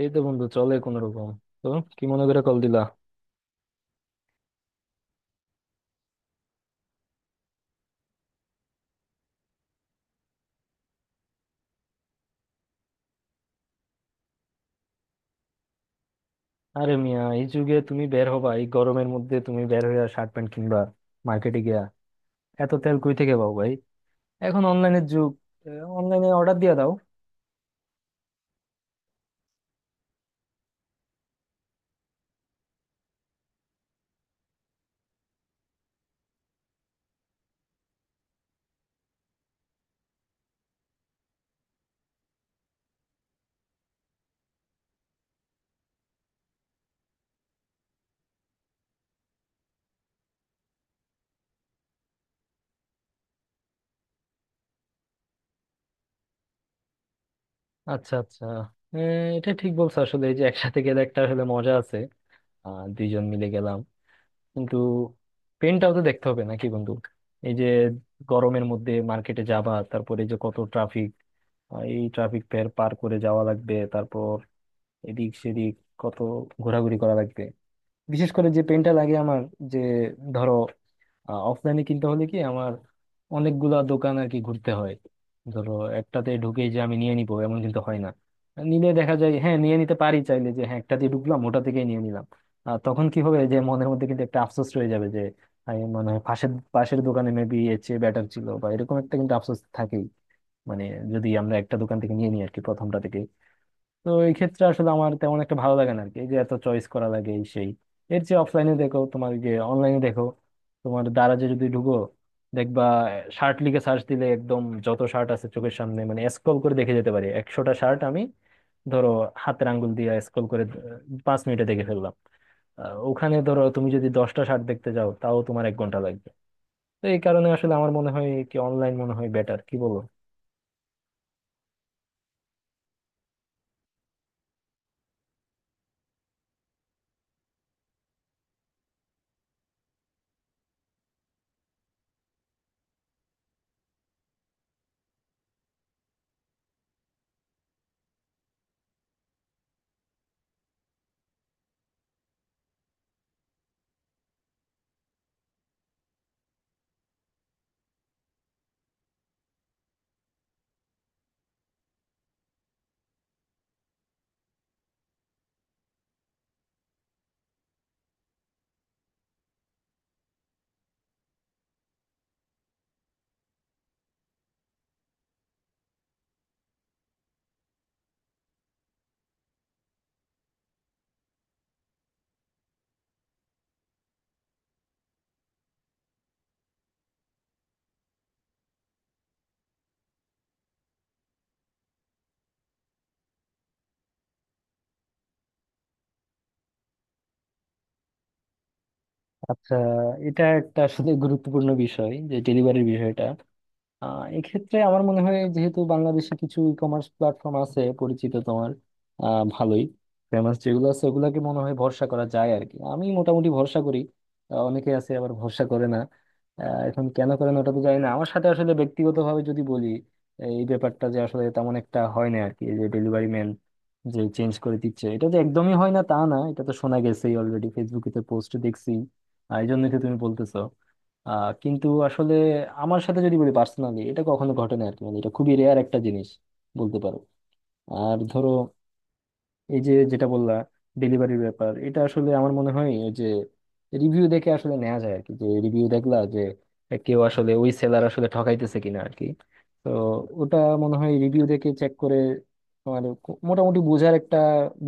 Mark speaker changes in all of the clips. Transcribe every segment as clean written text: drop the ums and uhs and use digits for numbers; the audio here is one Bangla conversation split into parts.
Speaker 1: এই তো বন্ধু, চলে কোন রকম। তো কি মনে করে কল দিলা? আরে মিয়া, এই যুগে তুমি বের হবা? এই গরমের মধ্যে তুমি বের হইয়া শার্ট প্যান্ট কিনবা মার্কেটে গিয়া? এত তেল কই থেকে পাও ভাই? এখন অনলাইনের যুগ, অনলাইনে অর্ডার দিয়া দাও। আচ্ছা, আচ্ছা। এ, এটা ঠিক বলছো, আসলে এই যে একসাথে গেলে একটা আসলে মজা আছে। দুইজন মিলে গেলাম, কিন্তু পেনটাও তো দেখতে হবে নাকি বন্ধু? এই যে গরমের মধ্যে মার্কেটে যাবা, তারপরে এই যে কত ট্রাফিক, এই ট্রাফিক পার করে যাওয়া লাগবে, তারপর এদিক সেদিক কত ঘোরাঘুরি করা লাগবে। বিশেষ করে যে পেনটা লাগে আমার, যে, ধরো অফলাইনে কিনতে হলে কি আমার অনেকগুলা দোকান আর কি ঘুরতে হয়। ধরো একটাতে ঢুকেই যে আমি নিয়ে নিবো এমন কিন্তু হয় না। নিলে দেখা যায় হ্যাঁ নিয়ে নিতে পারি, চাইলে যে হ্যাঁ একটাতে ঢুকলাম ওটা থেকেই নিয়ে নিলাম। আর তখন কি হবে যে মনের মধ্যে কিন্তু একটা আফসোস রয়ে যাবে যে আমি মনে হয় পাশের পাশের দোকানে মেবি এর চেয়ে বেটার ছিল, বা এরকম একটা কিন্তু আফসোস থাকেই। মানে, যদি আমরা একটা দোকান থেকে নিয়ে নিই আর কি, প্রথমটা থেকে। তো এই ক্ষেত্রে আসলে আমার তেমন একটা ভালো লাগে না আর কি, এই যে এত চয়েস করা লাগে এই সেই। এর যে অফলাইনে দেখো, তোমার যে অনলাইনে দেখো, তোমার দারাজে যদি ঢুকো, দেখবা শার্ট লিখে সার্চ দিলে একদম যত শার্ট আছে চোখের সামনে, মানে স্ক্রল করে দেখে যেতে পারি 100টা শার্ট আমি, ধরো, হাতের আঙ্গুল দিয়ে স্ক্রল করে, 5 মিনিটে দেখে ফেললাম। ওখানে ধরো তুমি যদি 10টা শার্ট দেখতে যাও তাও তোমার 1 ঘন্টা লাগবে। তো এই কারণে আসলে আমার মনে হয় কি, অনলাইন মনে হয় বেটার, কি বলো? আচ্ছা, এটা একটা আসলে গুরুত্বপূর্ণ বিষয়, যে ডেলিভারির বিষয়টা। এক্ষেত্রে আমার মনে হয় যেহেতু বাংলাদেশে কিছু ই কমার্স প্ল্যাটফর্ম আছে পরিচিত তোমার, ভালোই ফেমাস, যেগুলো আছে ওগুলোকে মনে হয় ভরসা করা যায় আর কি, আমি মোটামুটি ভরসা করি। অনেকে আছে আবার ভরসা করে না। এখন কেন করে না ওটা তো জানি না। আমার সাথে আসলে ব্যক্তিগতভাবে যদি বলি, এই ব্যাপারটা যে আসলে তেমন একটা হয় না আর কি, এই যে ডেলিভারি ম্যান যে চেঞ্জ করে দিচ্ছে, এটা যে একদমই হয় না তা না, এটা তো শোনা গেছেই অলরেডি, ফেসবুকে তো পোস্ট দেখছি। আর এই জন্যই তো তুমি বলতেছো। কিন্তু আসলে আমার সাথে যদি বলি পার্সোনালি, এটা কখনো ঘটে না আর কি, মানে এটা খুবই রেয়ার একটা জিনিস বলতে পারো। আর ধরো এই যে যেটা বললা ডেলিভারির ব্যাপার, এটা আসলে আমার মনে হয় ওই যে রিভিউ দেখে আসলে নেওয়া যায় আর কি। যে রিভিউ দেখলা যে কেউ আসলে ওই সেলার আসলে ঠকাইতেছে কিনা আর কি। তো ওটা মনে হয় রিভিউ দেখে চেক করে মোটামুটি বোঝার একটা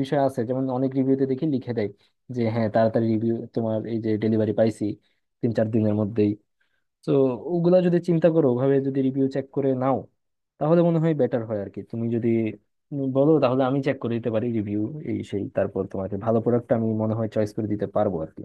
Speaker 1: বিষয় আছে। যেমন অনেক রিভিউতে দেখি লিখে দেয় যে হ্যাঁ তাড়াতাড়ি রিভিউ, তোমার এই যে ডেলিভারি পাইছি 3-4 দিনের মধ্যেই। তো ওগুলা যদি চিন্তা করো, ওভাবে যদি রিভিউ চেক করে নাও তাহলে মনে হয় বেটার হয় আর কি। তুমি যদি বলো তাহলে আমি চেক করে দিতে পারি রিভিউ এই সেই, তারপর তোমাকে ভালো প্রোডাক্ট আমি মনে হয় চয়েস করে দিতে পারবো আর কি।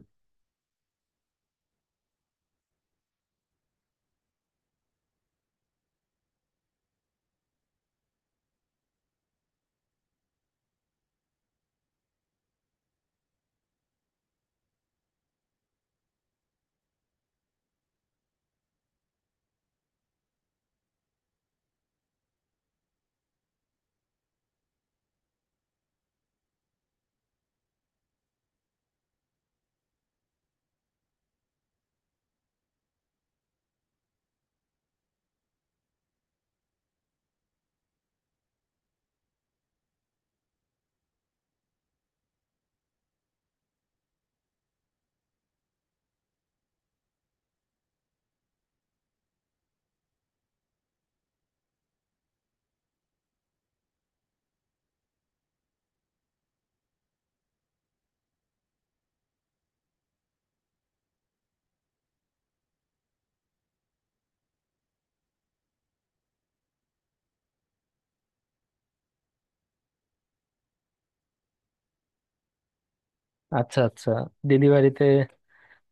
Speaker 1: আচ্ছা, আচ্ছা। দিদিবাড়িতে।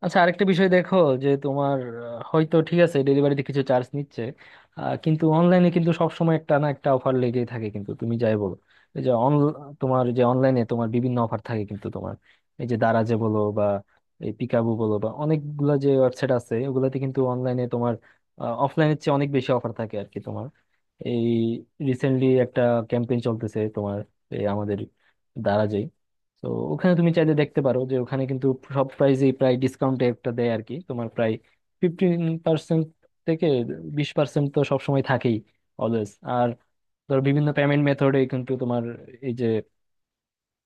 Speaker 1: আচ্ছা, আরেকটা বিষয় দেখো, যে তোমার, হয়তো ঠিক আছে ডেলিভারিতে কিছু চার্জ নিচ্ছে, কিন্তু অনলাইনে কিন্তু সবসময় একটা না একটা অফার লেগেই থাকে, কিন্তু তুমি যাই বলো। এই যে অন, তোমার যে অনলাইনে তোমার বিভিন্ন অফার থাকে কিন্তু তোমার, এই যে দারাজে বলো বা এই পিকাবু বলো বা অনেকগুলা যে ওয়েবসাইট আছে ওগুলাতে, কিন্তু অনলাইনে তোমার অফলাইনের চেয়ে অনেক বেশি অফার থাকে আর কি তোমার। এই রিসেন্টলি একটা ক্যাম্পেইন চলতেছে তোমার, এই আমাদের দারাজে। তো ওখানে তুমি চাইলে দেখতে পারো যে ওখানে কিন্তু সব প্রাইসেই প্রায় ডিসকাউন্টে একটা দেয় আর কি, তোমার প্রায় 15% থেকে 20% তো সবসময় থাকেই, অলওয়েজ। আর ধর বিভিন্ন পেমেন্ট মেথডে কিন্তু তোমার এই যে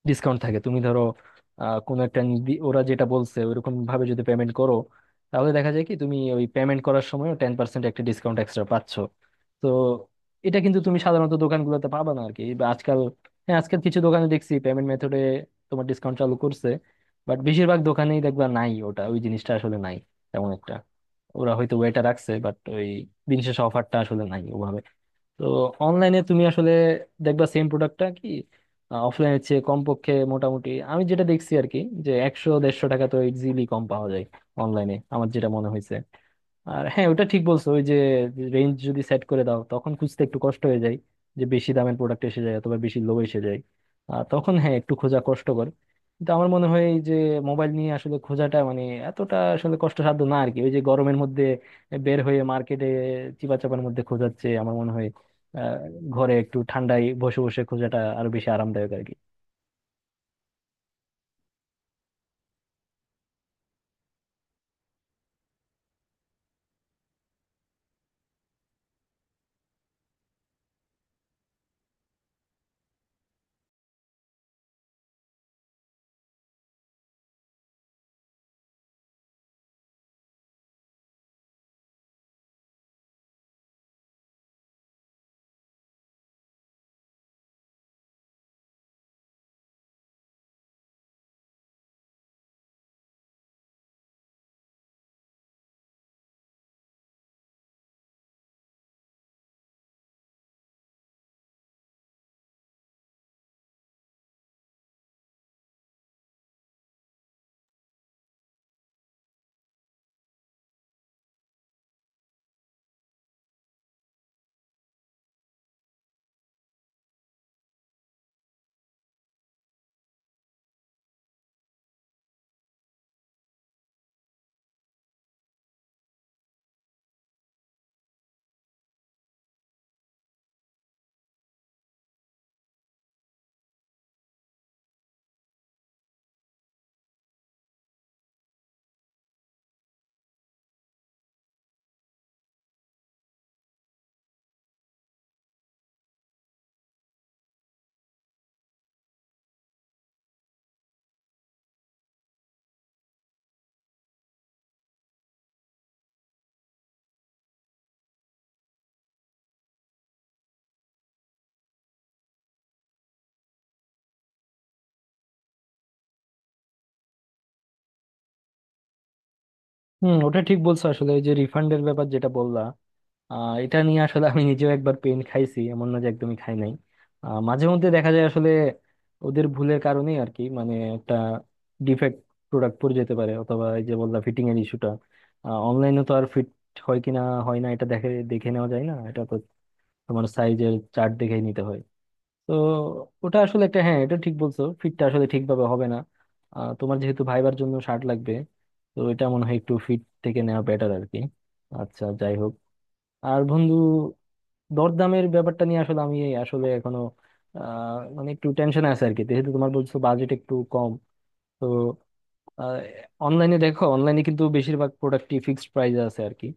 Speaker 1: ডিসকাউন্ট থাকে, তুমি ধরো, আহ, কোনো একটা নির্দি- ওরা যেটা বলছে ওইরকম ভাবে যদি পেমেন্ট করো, তাহলে দেখা যায় কি তুমি ওই পেমেন্ট করার সময় 10% একটা ডিসকাউন্ট এক্সট্রা পাচ্ছ। তো এটা কিন্তু তুমি সাধারণত দোকানগুলোতে পাবা না আর কি, বা আজকাল, হ্যাঁ আজকাল কিছু দোকানে দেখছি পেমেন্ট মেথডে তোমার ডিসকাউন্ট চালু করছে, বাট বেশিরভাগ দোকানেই দেখবা নাই ওটা, ওই জিনিসটা আসলে নাই তেমন একটা। ওরা হয়তো ওয়েটা রাখছে বাট ওই দিন শেষে অফারটা আসলে নাই। তো অনলাইনে তুমি আসলে দেখবা সেম প্রোডাক্টটা কি অফলাইনের চেয়ে কমপক্ষে, মোটামুটি আমি যেটা দেখছি আর কি, যে 100-150 টাকা তো ইজিলি কম পাওয়া যায় অনলাইনে, আমার যেটা মনে হয়েছে। আর হ্যাঁ ওটা ঠিক বলছো, ওই যে রেঞ্জ যদি সেট করে দাও তখন খুঁজতে একটু কষ্ট হয়ে যায়, যে বেশি দামের প্রোডাক্ট এসে যায় অথবা বেশি লো এসে যায়, আর তখন হ্যাঁ একটু খোঁজা কষ্টকর। কিন্তু আমার মনে হয় এই যে মোবাইল নিয়ে আসলে খোঁজাটা মানে এতটা আসলে কষ্টসাধ্য না আর কি, ওই যে গরমের মধ্যে বের হয়ে মার্কেটে চিপাচাপার মধ্যে খোঁজার চেয়ে আমার মনে হয় আহ ঘরে একটু ঠান্ডায় বসে বসে খোঁজাটা আরো বেশি আরামদায়ক আর কি। হম, ওটা ঠিক বলছো আসলে, ওই যে রিফান্ডের ব্যাপার যেটা বললা, এটা নিয়ে আসলে আমি নিজেও একবার পেন খাইছি, এমন না যে একদমই খাই নাই। মাঝে মধ্যে দেখা যায় আসলে ওদের ভুলের কারণেই আর কি, মানে একটা ডিফেক্ট প্রোডাক্ট পড়ে যেতে পারে, অথবা এই যে বললা ফিটিং এর ইস্যুটা। অনলাইনে তো আর ফিট হয় কিনা হয় না এটা দেখে দেখে নেওয়া যায় না, এটা তো তোমার সাইজের চার্ট দেখেই নিতে হয়। তো ওটা আসলে একটা, হ্যাঁ এটা ঠিক বলছো, ফিটটা আসলে ঠিকভাবে হবে না। তোমার যেহেতু ভাইবার জন্য শার্ট লাগবে, তো এটা মনে হয় একটু ফিট থেকে নেওয়া বেটার আর কি। আচ্ছা, যাই হোক। আর বন্ধু, দরদামের ব্যাপারটা নিয়ে আসলে আমি এই আসলে এখনো মানে একটু টেনশন আছে আর কি, যেহেতু তোমার বলছো বাজেট একটু কম। তো অনলাইনে দেখো, অনলাইনে কিন্তু বেশিরভাগ প্রোডাক্টই ফিক্সড প্রাইস আছে আর কি।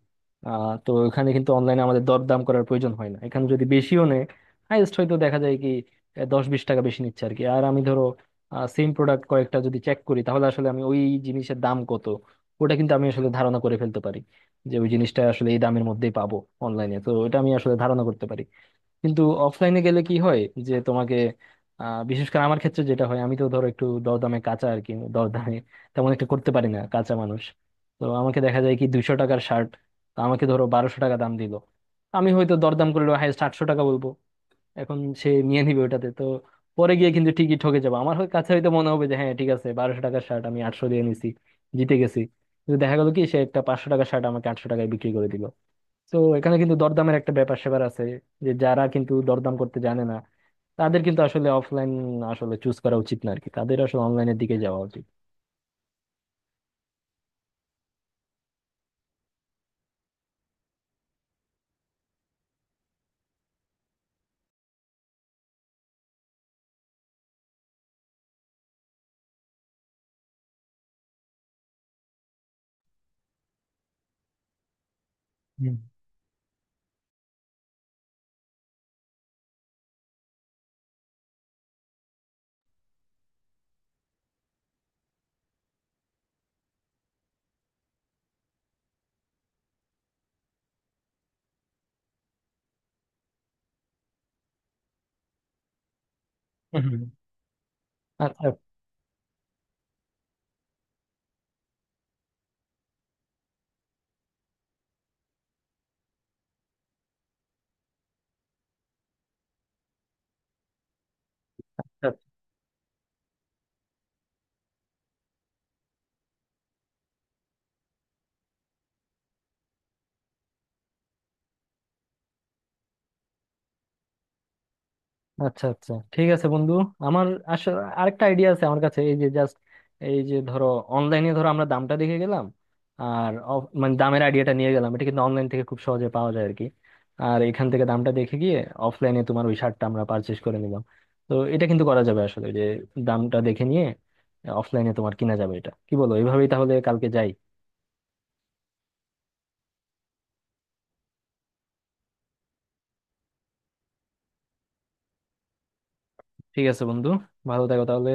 Speaker 1: তো এখানে কিন্তু অনলাইনে আমাদের দরদাম করার প্রয়োজন হয় না, এখানে যদি বেশিও নেয় হাইয়েস্ট হয়তো দেখা যায় কি 10-20 টাকা বেশি নিচ্ছে আর কি। আর আমি ধরো সেম প্রোডাক্ট কয়েকটা যদি চেক করি তাহলে আসলে আমি ওই জিনিসের দাম কত ওটা কিন্তু আমি আসলে ধারণা করে ফেলতে পারি, যে ওই জিনিসটা আসলে এই দামের মধ্যেই পাবো। অনলাইনে তো এটা আমি আসলে ধারণা করতে পারি, কিন্তু অফলাইনে গেলে কি হয় যে তোমাকে বিশেষ করে আমার ক্ষেত্রে যেটা হয়, আমি তো ধরো একটু দরদামে কাঁচা আর কি, দরদামে তেমন একটা করতে পারি না, কাঁচা মানুষ। তো আমাকে দেখা যায় কি 200 টাকার শার্ট তো আমাকে ধরো 1200 টাকা দাম দিল, আমি হয়তো দরদাম করলে হাইয়েস্ট 800 টাকা বলবো, এখন সে নিয়ে নিবে ওটাতে। তো পরে গিয়ে কিন্তু ঠিকই ঠকে যাবো, আমার কাছে হয়তো মনে হবে যে হ্যাঁ ঠিক আছে, 1200 টাকার শার্ট আমি 800 দিয়ে নিছি, জিতে গেছি, কিন্তু দেখা গেল কি সে একটা 500 টাকার শার্ট আমাকে 800 টাকায় বিক্রি করে দিল। তো এখানে কিন্তু দরদামের একটা ব্যাপার স্যাপার আছে যে যারা কিন্তু দরদাম করতে জানে না, তাদের কিন্তু আসলে অফলাইন আসলে চুজ করা উচিত না আর কি, তাদের আসলে অনলাইনের দিকে যাওয়া উচিত। হুম। হুম। আচ্ছা। আচ্ছা, আচ্ছা, ঠিক আছে বন্ধু। আমার আসলে আরেকটা আইডিয়া আছে আমার কাছে, এই যে জাস্ট এই যে ধরো অনলাইনে ধরো আমরা দামটা দেখে গেলাম, আর মানে দামের আইডিয়াটা নিয়ে গেলাম, এটা কিন্তু অনলাইন থেকে খুব সহজে পাওয়া যায় আর কি। আর এখান থেকে দামটা দেখে গিয়ে অফলাইনে তোমার ওই শার্টটা আমরা পারচেস করে নিলাম। তো এটা কিন্তু করা যাবে আসলে, যে দামটা দেখে নিয়ে অফলাইনে তোমার কিনা যাবে। এটা কি বলো, এইভাবেই তাহলে কালকে যাই? ঠিক আছে বন্ধু, ভালো থাকো তাহলে।